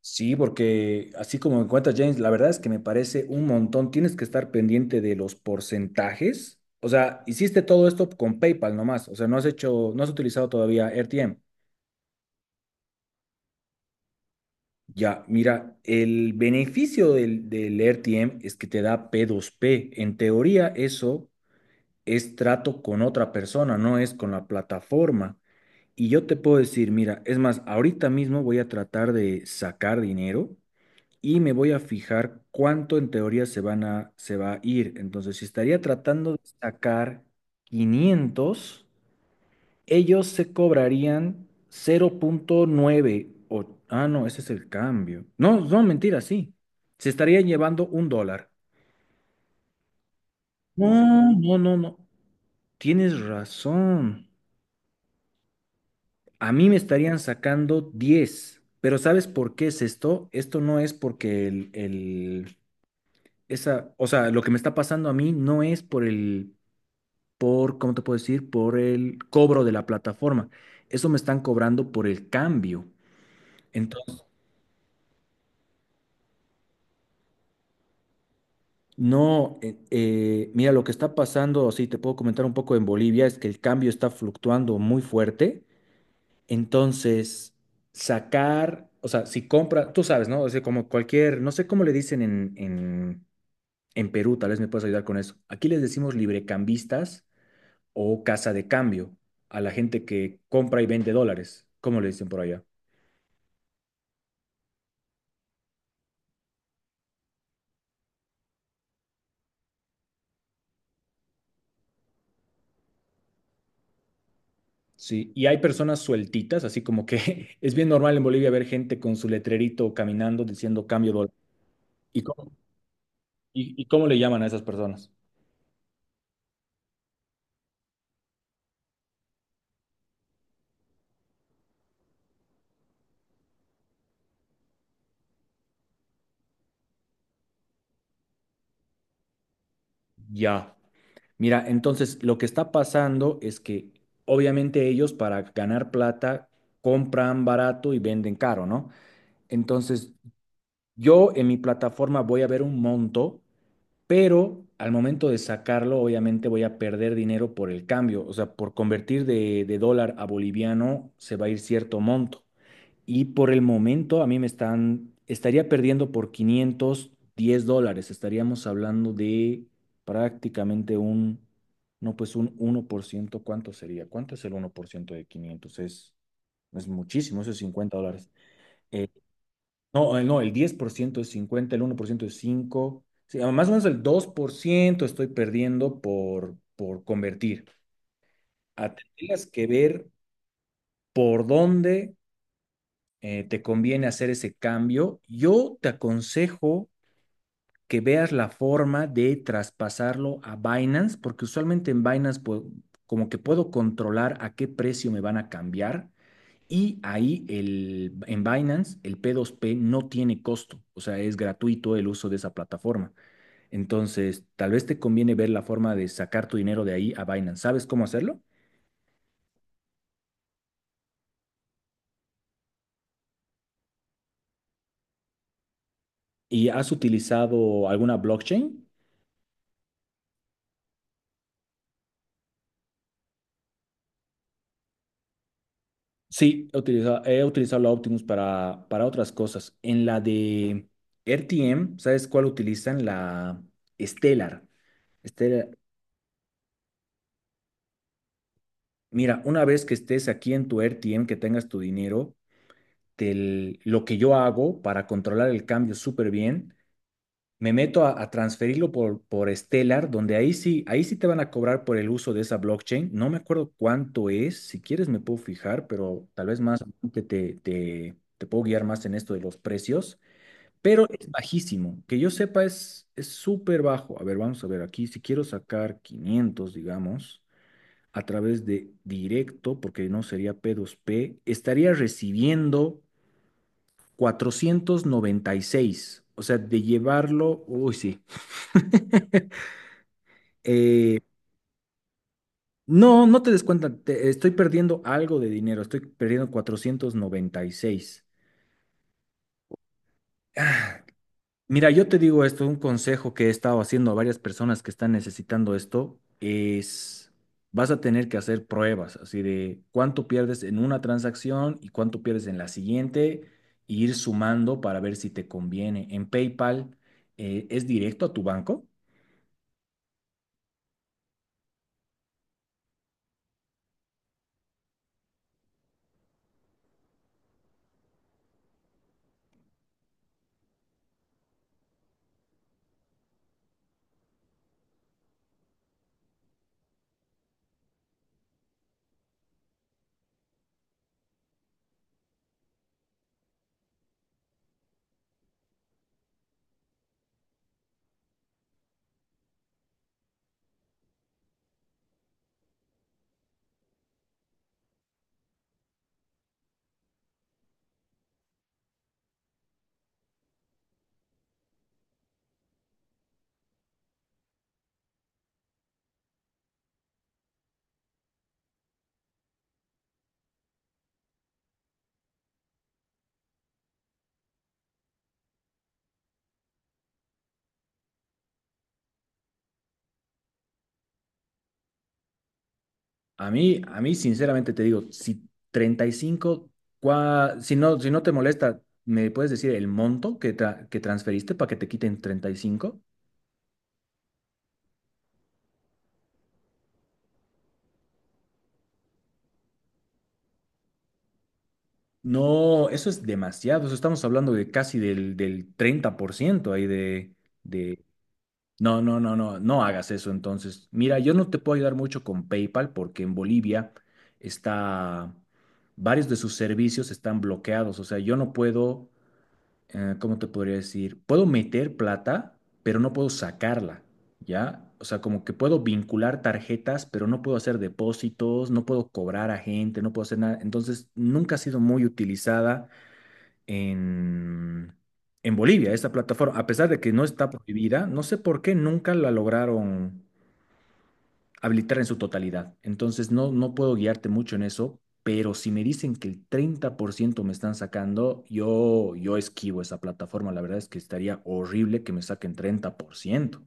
Sí, porque así como me cuenta James, la verdad es que me parece un montón. Tienes que estar pendiente de los porcentajes. O sea, hiciste todo esto con PayPal nomás. O sea, no has hecho, no has utilizado todavía RTM. Ya, mira, el beneficio del RTM es que te da p dos p. En teoría, eso es trato con otra persona, no es con la plataforma. Y yo te puedo decir, mira, es más, ahorita mismo voy a tratar de sacar dinero. Y me voy a fijar cuánto en teoría se va a ir. Entonces, si estaría tratando de sacar 500, ellos se cobrarían 0.9 o, ah, no, ese es el cambio. No, no, mentira, sí. Se estarían llevando un dólar. No, no, no, no. Tienes razón. A mí me estarían sacando 10. Pero ¿sabes por qué es esto? Esto no es porque esa, o sea, lo que me está pasando a mí no es por el, por, ¿cómo te puedo decir? Por el cobro de la plataforma. Eso me están cobrando por el cambio. Entonces, no, mira, lo que está pasando, sí, te puedo comentar un poco, en Bolivia es que el cambio está fluctuando muy fuerte. Entonces, sacar, o sea, si compra, tú sabes, ¿no? O sea, como cualquier, no sé cómo le dicen en Perú, tal vez me puedes ayudar con eso. Aquí les decimos librecambistas o casa de cambio a la gente que compra y vende dólares. ¿Cómo le dicen por allá? Sí, y hay personas sueltitas, así como que es bien normal en Bolivia ver gente con su letrerito caminando diciendo cambio dólar. ¿Y cómo, ¿y, y cómo le llaman a esas personas? Ya. Mira, entonces lo que está pasando es que obviamente ellos para ganar plata compran barato y venden caro, ¿no? Entonces yo en mi plataforma voy a ver un monto, pero al momento de sacarlo, obviamente voy a perder dinero por el cambio, o sea, por convertir de dólar a boliviano se va a ir cierto monto. Y por el momento a mí estaría perdiendo por 510 dólares, estaríamos hablando de prácticamente un, no, pues un 1%. ¿Cuánto sería? ¿Cuánto es el 1% de 500? Es muchísimo, eso es 50 dólares. Eh, no, el 10% es 50, el 1% es 5. Sí, ah, más o menos el 2% estoy perdiendo por convertir. Ah, tendrías que ver por dónde te conviene hacer ese cambio. Yo te aconsejo que veas la forma de traspasarlo a Binance, porque usualmente en Binance, pues, como que puedo controlar a qué precio me van a cambiar. Y ahí el, en Binance el P2P no tiene costo, o sea, es gratuito el uso de esa plataforma. Entonces, tal vez te conviene ver la forma de sacar tu dinero de ahí a Binance. ¿Sabes cómo hacerlo? ¿Y has utilizado alguna blockchain? Sí, he utilizado la Optimus para otras cosas. En la de RTM, ¿sabes cuál utilizan? La Stellar. Stellar. Mira, una vez que estés aquí en tu RTM, que tengas tu dinero. Del- lo que yo hago para controlar el cambio súper bien. Me meto a transferirlo por Stellar, donde ahí sí te van a cobrar por el uso de esa blockchain. No me acuerdo cuánto es, si quieres me puedo fijar, pero tal vez más adelante te puedo guiar más en esto de los precios. Pero es bajísimo, que yo sepa es súper bajo. A ver, vamos a ver aquí, si quiero sacar 500 digamos a través de directo, porque no sería P2P, estaría recibiendo cuatrocientos noventa y seis. O sea, de llevarlo, uy, sí. Eh, no, no te des cuenta, te- estoy perdiendo algo de dinero, estoy perdiendo 496. Ah, mira, yo te digo esto, un consejo que he estado haciendo a varias personas que están necesitando esto es, vas a tener que hacer pruebas, así de cuánto pierdes en una transacción y cuánto pierdes en la siguiente, e ir sumando para ver si te conviene. En PayPal, ¿es directo a tu banco? A mí, sinceramente te digo, si 35, cua- si no, si no te molesta, ¿me puedes decir el monto que, tra- que transferiste para que te quiten 35? No, eso es demasiado. Eso estamos hablando de casi del 30% ahí de... No, no, no, no, no hagas eso entonces. Mira, yo no te puedo ayudar mucho con PayPal porque en Bolivia está... Varios de sus servicios están bloqueados. O sea, yo no puedo ¿cómo te podría decir? Puedo meter plata, pero no puedo sacarla, ¿ya? O sea, como que puedo vincular tarjetas, pero no puedo hacer depósitos, no puedo cobrar a gente, no puedo hacer nada. Entonces, nunca ha sido muy utilizada en, en Bolivia esta plataforma, a pesar de que no está prohibida, no sé por qué nunca la lograron habilitar en su totalidad. Entonces, no, no puedo guiarte mucho en eso, pero si me dicen que el 30% me están sacando, yo esquivo esa plataforma. La verdad es que estaría horrible que me saquen 30%.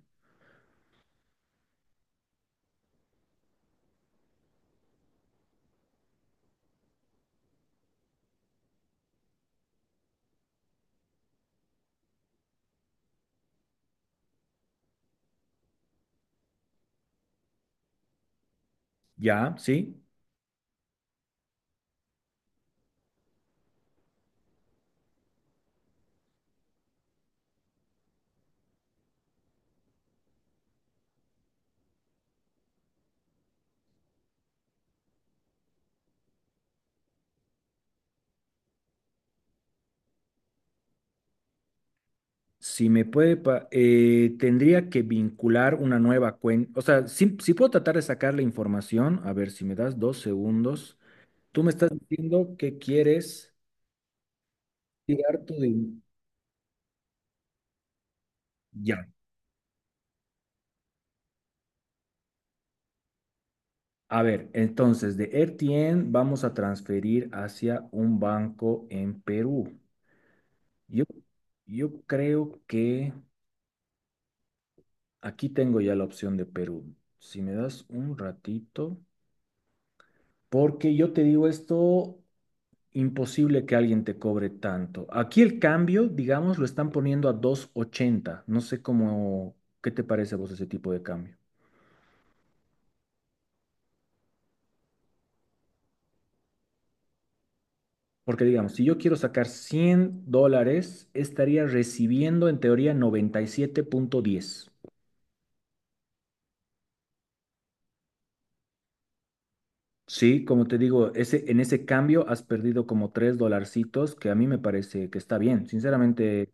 Ya, sí. Si me puede, pa- tendría que vincular una nueva cuenta. O sea, si, si puedo tratar de sacar la información, a ver si me das 2 segundos. Tú me estás diciendo que quieres tirar tu dinero. Ya. A ver, entonces de RTN vamos a transferir hacia un banco en Perú. Yo, yo creo que aquí tengo ya la opción de Perú. Si me das un ratito, porque yo te digo esto, imposible que alguien te cobre tanto. Aquí el cambio, digamos, lo están poniendo a 2.80. No sé cómo, ¿qué te parece a vos ese tipo de cambio? Porque digamos, si yo quiero sacar $100, estaría recibiendo en teoría 97.10. Sí, como te digo, ese, en ese cambio has perdido como 3 dolarcitos, que a mí me parece que está bien. Sinceramente,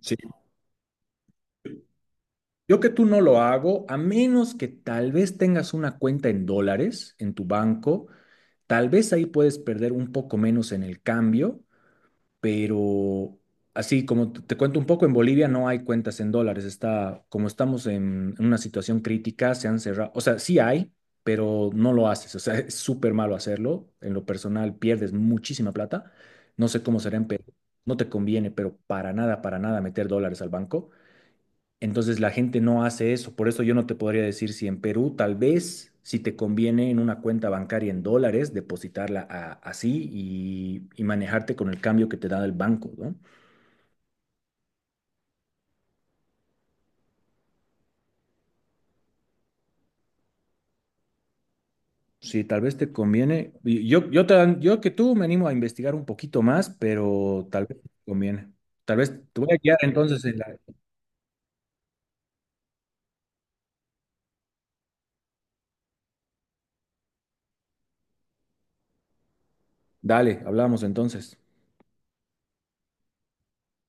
sí, yo que tú no lo hago, a menos que tal vez tengas una cuenta en dólares en tu banco, tal vez ahí puedes perder un poco menos en el cambio, pero así como te cuento un poco, en Bolivia no hay cuentas en dólares, está, como estamos en una situación crítica, se han cerrado, o sea, sí hay, pero no lo haces, o sea, es súper malo hacerlo, en lo personal pierdes muchísima plata, no sé cómo será en Perú, no te conviene, pero para nada meter dólares al banco. Entonces la gente no hace eso. Por eso yo no te podría decir si en Perú tal vez si te conviene en una cuenta bancaria en dólares depositarla a- así y manejarte con el cambio que te da el banco, ¿no? Sí, tal vez te conviene. Y yo que tú me animo a investigar un poquito más, pero tal vez te conviene. Tal vez te voy a guiar entonces en la... Dale, hablamos entonces.